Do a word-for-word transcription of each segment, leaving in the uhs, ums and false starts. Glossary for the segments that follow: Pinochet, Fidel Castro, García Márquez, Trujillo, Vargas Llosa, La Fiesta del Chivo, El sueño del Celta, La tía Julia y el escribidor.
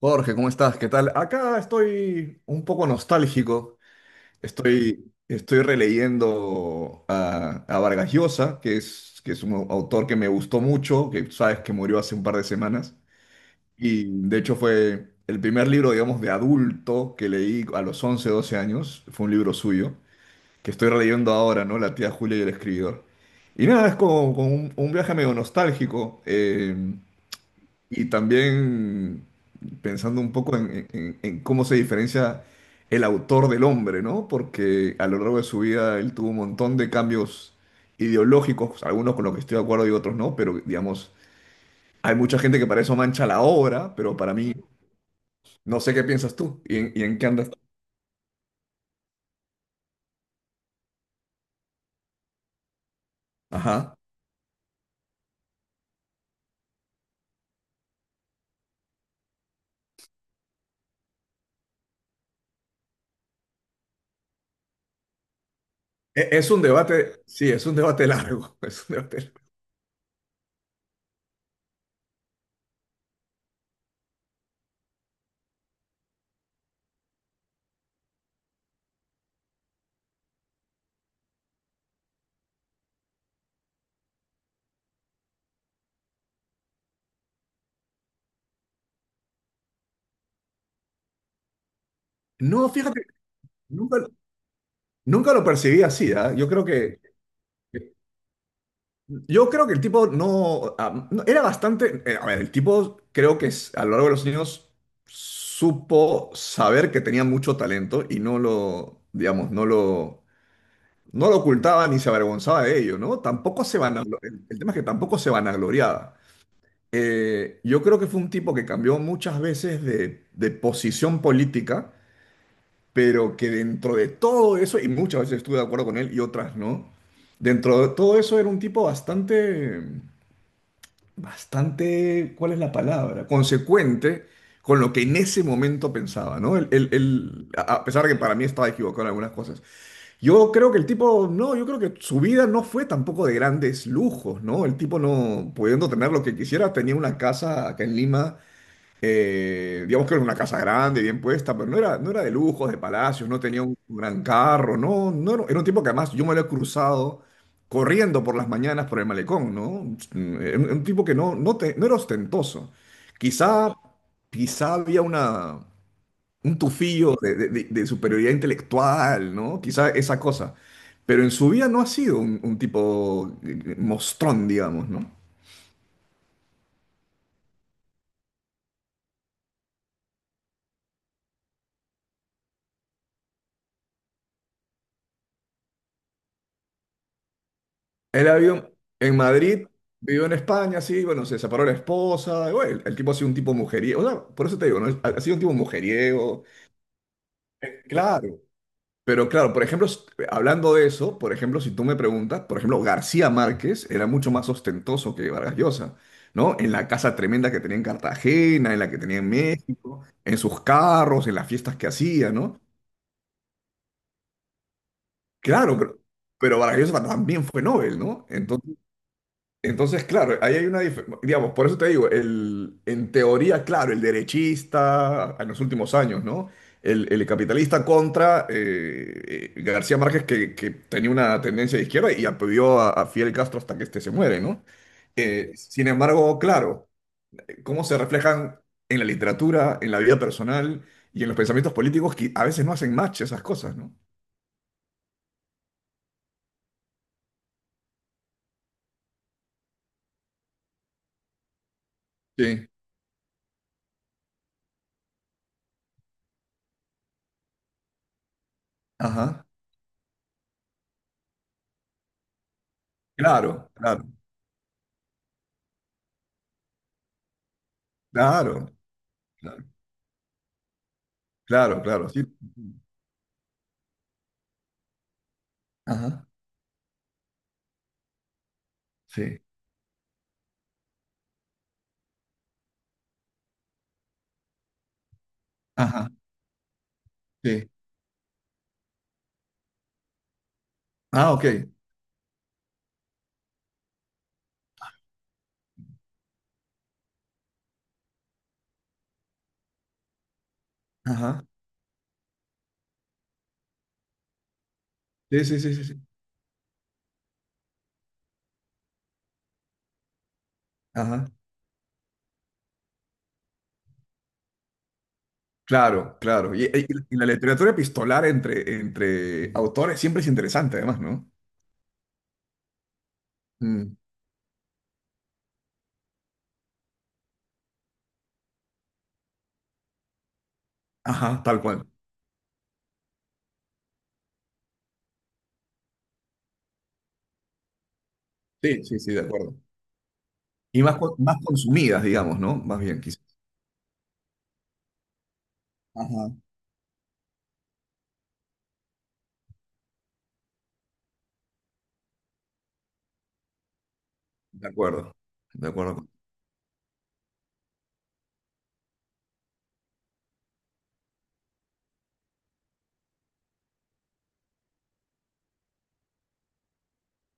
Jorge, ¿cómo estás? ¿Qué tal? Acá estoy un poco nostálgico. Estoy, estoy releyendo a, a Vargas Llosa, que es, que es un autor que me gustó mucho, que sabes que murió hace un par de semanas. Y de hecho fue el primer libro, digamos, de adulto que leí a los once doce años. Fue un libro suyo, que estoy releyendo ahora, ¿no? La tía Julia y el escribidor. Y nada, es como, como un, un viaje medio nostálgico. Eh, y también pensando un poco en, en- en cómo se diferencia el autor del hombre, ¿no? Porque a lo largo de su vida él tuvo un montón de cambios ideológicos, algunos con los que estoy de acuerdo y otros no, pero digamos, hay mucha gente que para eso mancha la obra, pero para mí, no sé qué piensas tú y en, y en qué andas. Ajá. E- Es un debate, sí, es un debate largo, es un debate largo. No, fíjate, nunca, nunca lo percibí así, ¿ah? Yo creo que... Yo creo que el tipo no, ah, no- era bastante, eh, a ver, el tipo creo que s- a lo largo de los años supo saber que tenía mucho talento y no lo, digamos, no lo, no lo ocultaba ni se avergonzaba de ello, ¿no? Tampoco se vanaglo- el, el tema es que tampoco se vanagloriaba. Eh, yo creo que fue un tipo que cambió muchas veces de, de posición política, pero que dentro de todo eso, y muchas veces estuve de acuerdo con él y otras no, dentro de todo eso era un tipo bastante bastante, ¿cuál es la palabra? Consecuente con lo que en ese momento pensaba, ¿no? El, el- el- a a pesar de que para mí estaba equivocado en algunas cosas. Yo creo que el tipo, no, yo creo que su vida no fue tampoco de grandes lujos, ¿no? El tipo no, pudiendo tener lo que quisiera, tenía una casa acá en Lima. Eh, digamos que era una casa grande, bien puesta, pero no era, no era de lujos, de palacios, no tenía un gran carro, no, no, era era un tipo que además yo me lo he cruzado corriendo por las mañanas por el malecón, ¿no? Mm, Era un, un tipo que no, no, te- no era ostentoso. Quizá, quizá había una, un tufillo de, de- de- de superioridad intelectual, ¿no? Quizá esa cosa. Pero en su vida no ha sido un, un tipo eh, mostrón, digamos, ¿no? Él había en Madrid, vivió en España, sí, bueno, se separó la esposa, y bueno, el, el tipo ha sido un tipo mujeriego, o sea, por eso te digo, ¿no? Ha, ha sido un tipo mujeriego, eh, claro, pero claro, por ejemplo, s- eh, hablando de eso, por ejemplo, si tú me preguntas, por ejemplo, García Márquez era mucho más ostentoso que Vargas Llosa, ¿no? En la casa tremenda que tenía en Cartagena, en la que tenía en México, en sus carros, en las fiestas que hacía, ¿no? Claro, pero, pero Vargas Llosa también fue Nobel, ¿no? Entonces, Entonces, claro, ahí hay una diferencia, digamos, por eso te digo, el, en teoría, claro, el derechista en los últimos años, ¿no? El, el capitalista contra eh, eh, García Márquez, que, que tenía una tendencia de izquierda y apoyó a, a Fidel Castro hasta que este se muere, ¿no? Eh, sin embargo, claro, cómo se reflejan en la literatura, en la vida personal y en los pensamientos políticos que a veces no hacen match esas cosas, ¿no? Sí. Ajá. Claro, claro, claro, claro, claro, claro, sí. Ajá. Sí. Ajá. Sí. Ah, OK. Ajá. Sí, sí, sí, sí, sí. Ajá. Claro, claro. Y, y- y la literatura epistolar entre, entre autores siempre es interesante, además, ¿no? Mm. Ajá, tal cual. Sí, sí, sí, de acuerdo. Y más, con- más consumidas, digamos, ¿no? Más bien, quizás. Ajá. De acuerdo. De acuerdo. con-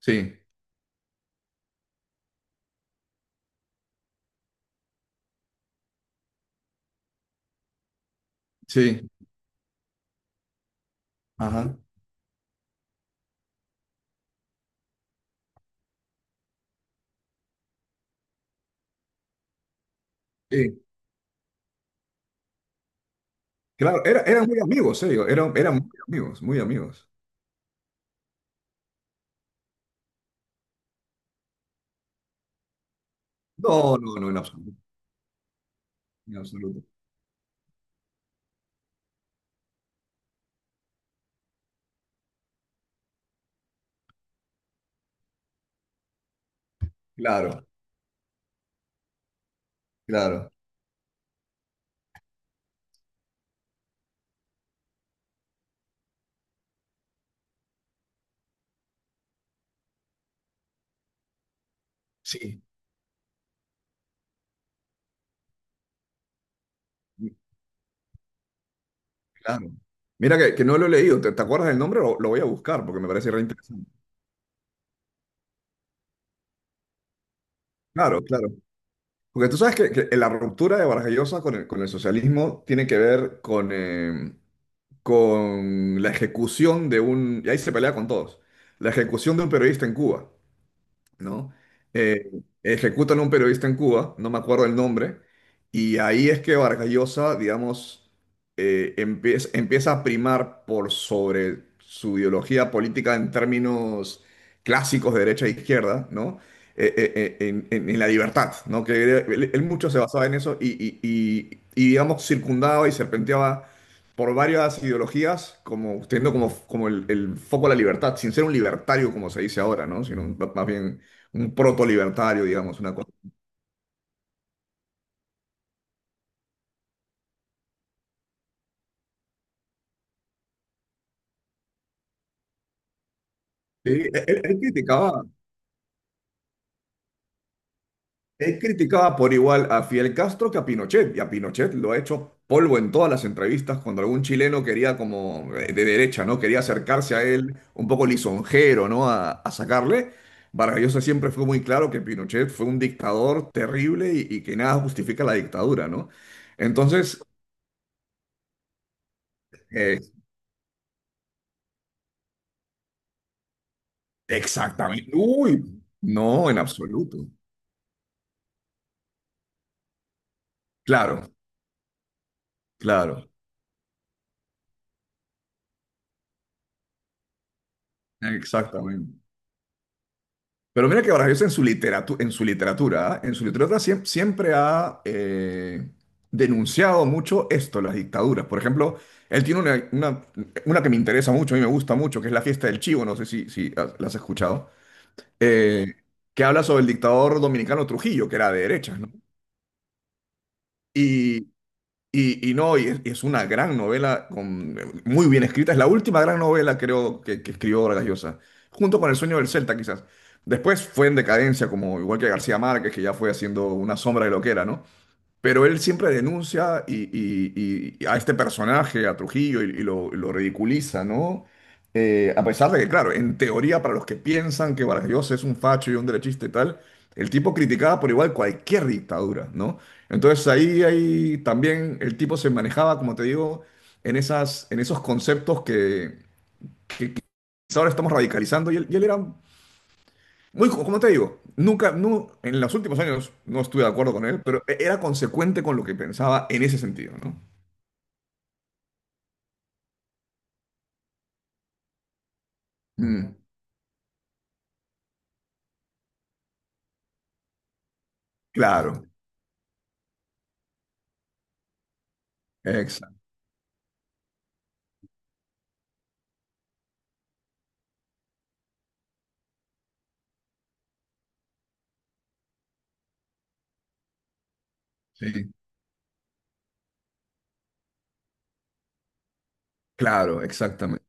Sí, sí. Ajá. Sí. Claro, era- eran muy amigos, ellos. Eran, eran muy amigos, muy amigos. No, no, no, en absoluto. En absoluto. Claro, claro. Sí. Claro. Mira que, que no lo he leído. ¿Te, te acuerdas del nombre? Lo, lo voy a buscar porque me parece re interesante. Claro, claro. Porque tú sabes que, que la ruptura de Vargas Llosa con el, con el socialismo tiene que ver con, eh, con la ejecución de un. Y ahí se pelea con todos. La ejecución de un periodista en Cuba, ¿no? Eh, ejecutan a un periodista en Cuba, no me acuerdo el nombre, y ahí es que Vargas, digamos, eh, empieza, empieza a primar por sobre su ideología política en términos clásicos de derecha e izquierda, ¿no? Eh, eh, eh, en, en- en la libertad, ¿no? Que él, él mucho se basaba en eso y, y, y- y, digamos, circundaba y serpenteaba por varias ideologías, como teniendo como, como el, el foco a la libertad, sin ser un libertario como se dice ahora, ¿no? Sino más bien un proto-libertario, digamos, una cosa. Sí, él, él- él criticaba, él criticaba por igual a Fidel Castro que a Pinochet, y a Pinochet lo ha hecho polvo en todas las entrevistas cuando algún chileno quería como eh, de derecha, ¿no? Quería acercarse a él un poco lisonjero, ¿no? A, a sacarle. Vargas Llosa siempre fue muy claro que Pinochet fue un dictador terrible y, y que nada justifica la dictadura, ¿no? Entonces, eh, exactamente. Uy, no, en absoluto. Claro, claro, exactamente. Pero mira que Vargas Llosa en su literatura, en su literatura, ¿ah? En su literatura siem- siempre ha eh, denunciado mucho esto, las dictaduras. Por ejemplo, él tiene una, una, una que me interesa mucho, a mí me gusta mucho, que es La Fiesta del Chivo, no sé si, si has- la has escuchado, eh, que habla sobre el dictador dominicano Trujillo, que era de derechas, ¿no? Y, y no, y es, y es una gran novela, con, muy bien escrita. Es la última gran novela, creo, que, que escribió Vargas Llosa, junto con El sueño del Celta, quizás. Después fue en decadencia, como igual que García Márquez, que ya fue haciendo una sombra de lo que era, ¿no? Pero él siempre denuncia y, y- y- y a este personaje, a Trujillo, y, y lo, y lo ridiculiza, ¿no? Eh, a pesar de que, claro, en teoría, para los que piensan que Vargas Llosa es un facho y un derechista y tal, el tipo criticaba por igual cualquier dictadura, ¿no? Entonces ahí, ahí también el tipo se manejaba, como te digo, en esas, en esos conceptos que quizá ahora estamos radicalizando y él, y él era muy, co- como te digo, nunca, no, en los últimos años no estuve de acuerdo con él, pero era consecuente con lo que pensaba en ese sentido, ¿no? Mm, claro, exacto, sí, claro, exactamente,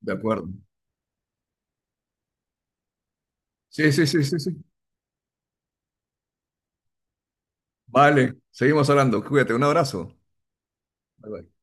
de acuerdo. Sí, sí, sí, sí, sí. Vale, seguimos hablando, cuídate, un abrazo. Bye, bye.